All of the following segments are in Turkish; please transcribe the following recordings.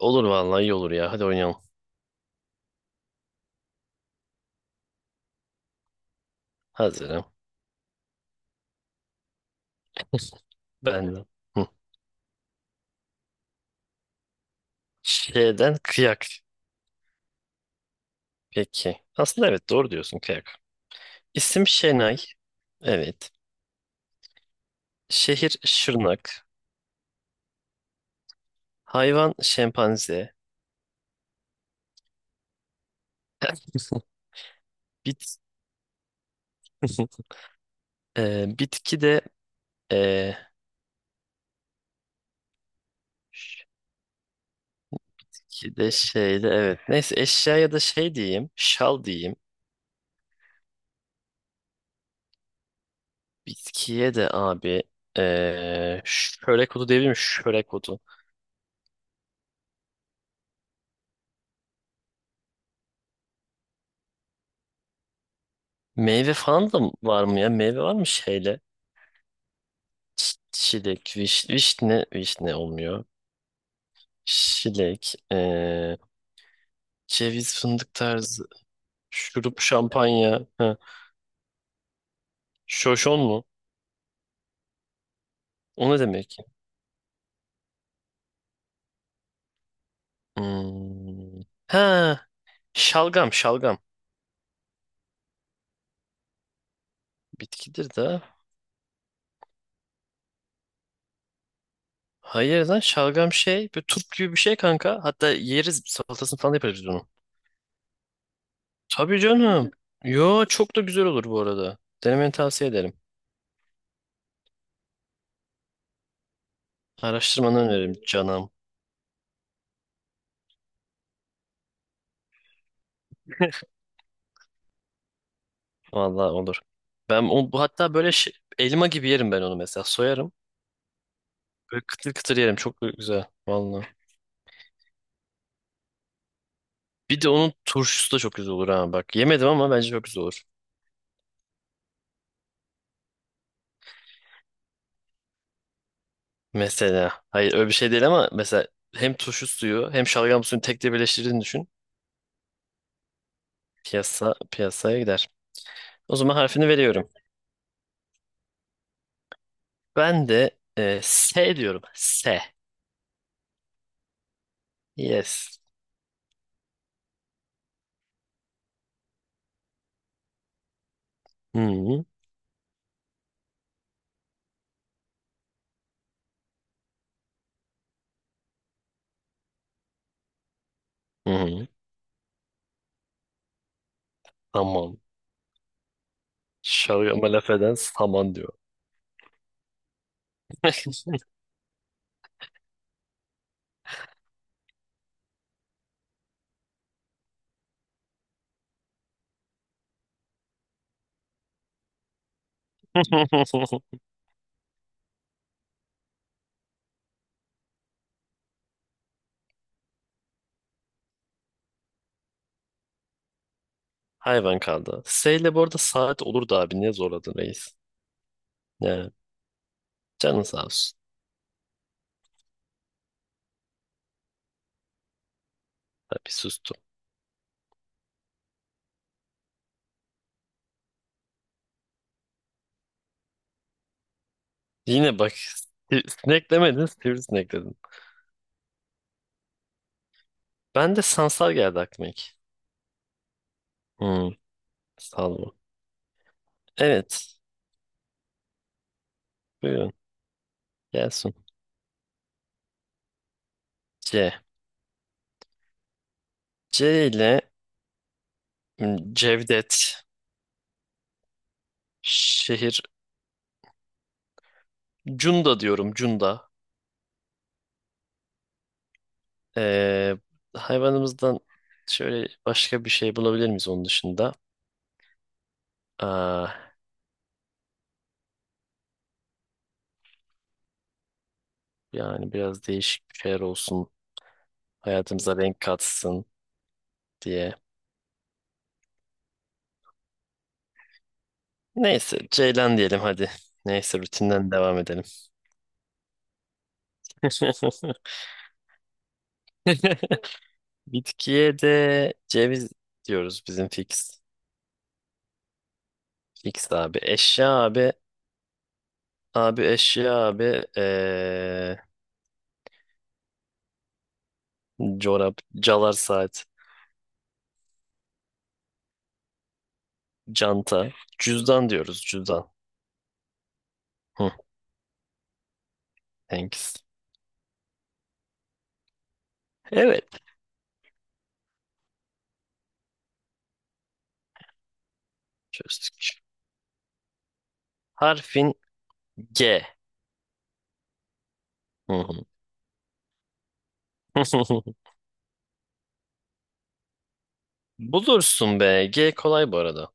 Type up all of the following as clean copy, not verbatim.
Olur vallahi iyi olur ya. Hadi oynayalım. Hazırım. Ben de. Hı. Şeyden kıyak. Peki. Aslında evet doğru diyorsun kıyak. İsim Şenay. Evet. Şehir Şırnak. Hayvan şempanze. Bit bitki de ee, bitki de şeyde evet. Neyse eşyaya da şey diyeyim. Şal diyeyim. Bitkiye de abi şörek otu diyebilir miyim? Şörek otu. Meyve falan da var mı ya? Meyve var mı şeyle? Ş- Şilek, viş, vişne, vişne olmuyor. Şilek, ceviz, fındık tarzı, şurup, şampanya. Ha. Şoşon mu? O ne demek ki? Hmm. Ha, şalgam, şalgam. Bitkidir de. Hayır lan şalgam şey, bir turp gibi bir şey kanka. Hatta yeriz, salatasını falan yaparız biz onu. Tabii canım. Yo, çok da güzel olur bu arada. Denemeni tavsiye ederim. Araştırmanı öneririm canım. Vallahi olur. Ben o, bu hatta böyle şey- elma gibi yerim ben onu mesela. Soyarım. Böyle kıtır kıtır yerim. Çok güzel. Vallahi. Bir de onun turşusu da çok güzel olur ha bak. Yemedim ama bence çok güzel olur. Mesela. Hayır öyle bir şey değil ama mesela hem turşu suyu hem şalgam suyunu tek de birleştirdiğini düşün. Piyasa piyasaya gider. O zaman harfini veriyorum. Ben de e, S diyorum. S. Yes. Hı hı. Hı hı. Tamam. Şalgama laf eden saman diyor. Hayvan kaldı. S ile bu arada saat olurdu abi. Niye zorladın reis? Yani canın sağ olsun. Tabii sustum. Yine bak si- sinek demedin sivrisinek dedin. Ben de sansar geldi aklıma ilk. Hmm, salvo. Evet. Buyurun. Gelsin. C. C ile hmm, Cevdet. Şehir. Cunda diyorum. Cunda. Ee, hayvanımızdan şöyle başka bir şey bulabilir miyiz onun dışında? Aa, yani biraz değişik bir şeyler olsun. Hayatımıza renk katsın diye. Neyse Ceylan diyelim hadi. Neyse rutinden devam edelim. Bitkiye de ceviz diyoruz bizim fix. Fix abi. Eşya abi. Abi eşya abi. Çorap, calar saat, canta. Cüzdan diyoruz cüzdan. Hı, thanks. Evet. Çözdük. Harfin G. Hı hı. Bulursun be. G kolay bu arada.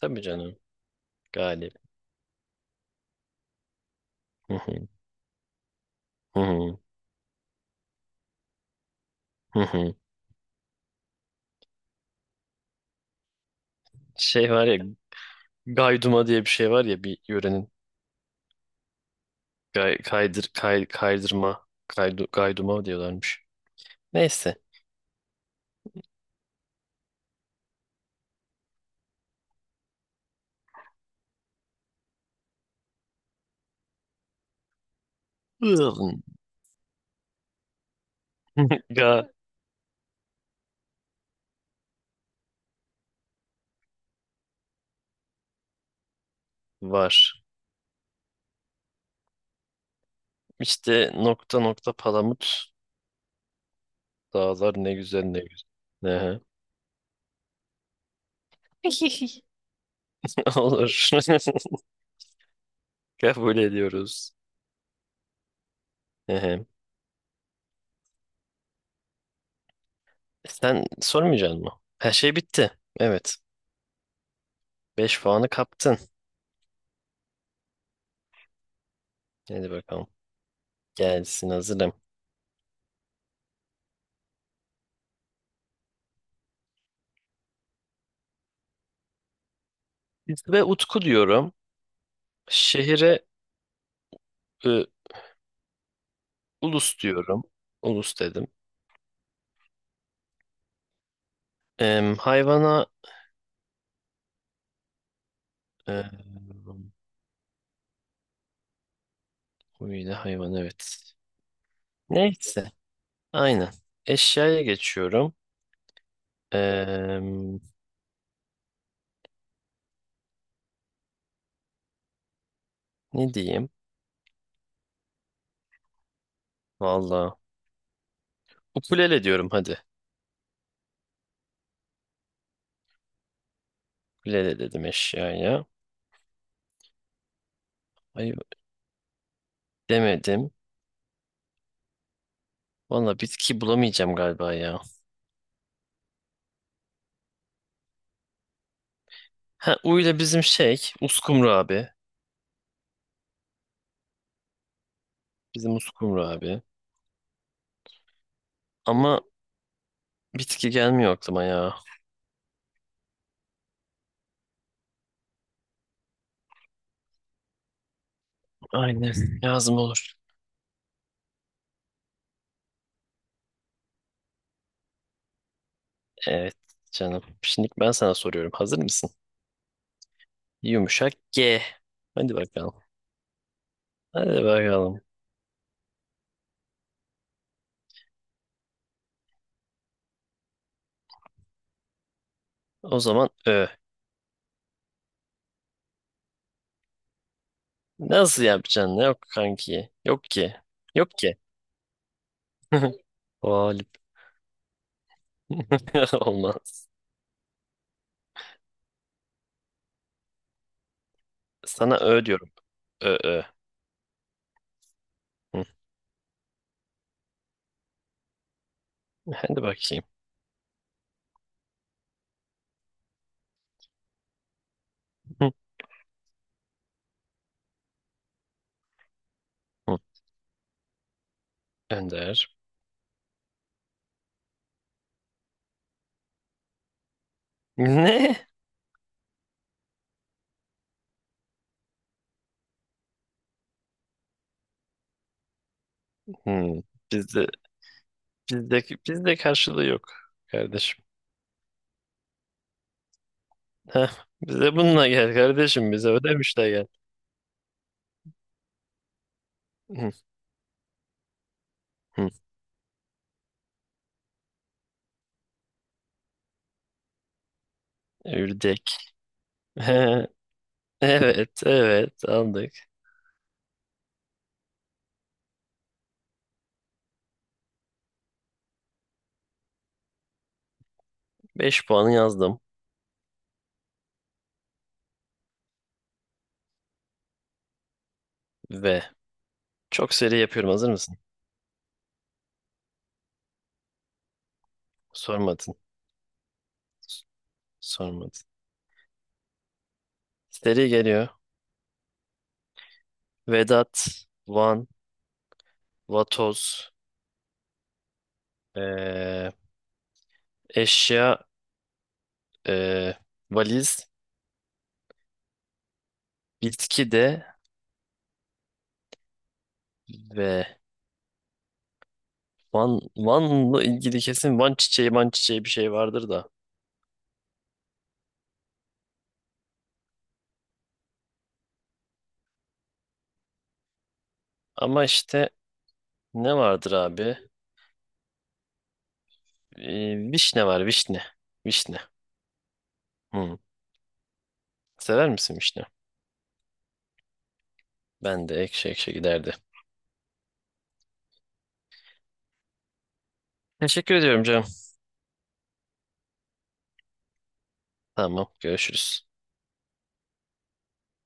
Tabii canım. Galip. Hı hı, hı hı, hı hı. Şey var ya Gayduma diye bir şey var ya bir yörenin. Gay, kaydır, kay, kaydırma. Kaydu, gayduma diyorlarmış. Neyse. Ilın. Ga var. İşte nokta nokta palamut. Dağlar ne güzel ne güzel. Ehe. Olur. Kabul ediyoruz. Ehe. Sen sormayacaksın mı? Her şey bitti. Evet. 5 puanı kaptın. Hadi bakalım. Gelsin hazırım. Ve Utku diyorum. Şehire e, Ulus diyorum. Ulus dedim. Em, hayvana e, huyla hayvan evet. Neyse. Aynen. Eşyaya geçiyorum. Em, ne diyeyim? Valla. Ukulele diyorum hadi. Ukulele dedim eşyaya. Ay, demedim. Valla bitki bulamayacağım galiba ya. Ha uyla bizim şey. Uskumru abi. Bizim uskumru abi. Ama bitki gelmiyor aklıma ya. Aynen. Lazım olur. Evet canım. Şimdi ben sana soruyorum. Hazır mısın? Yumuşak G. Hadi bakalım. Hadi bakalım. O zaman Ö. Nasıl yapacaksın? Yok kanki. Yok ki. Yok ki. Galip. Olmaz. Sana Ö diyorum. Ö Ö. Hı, Hadi bakayım. Hı, hı. Önder. Ne? Hı, Bizde bizde bizde karşılığı yok kardeşim. Heh, bize bununla gel kardeşim. Bize ödemişle gel. Hı, hı. Ürdek. He. Evet, evet aldık. Beş puanı yazdım. Ve Çok seri yapıyorum. Hazır mısın? Sormadın. Sormadın. Seri geliyor. Vedat, Van, Vatoz, eee, eşya, eee, valiz, bitki de ve Van, Van'la ilgili kesin Van çiçeği, Van çiçeği bir şey vardır da. Ama işte ne vardır abi? Vişne var, vişne. Vişne. Hmm. Sever misin vişne? Ben de ekşi ekşi giderdi. Teşekkür ediyorum canım. Tamam, görüşürüz.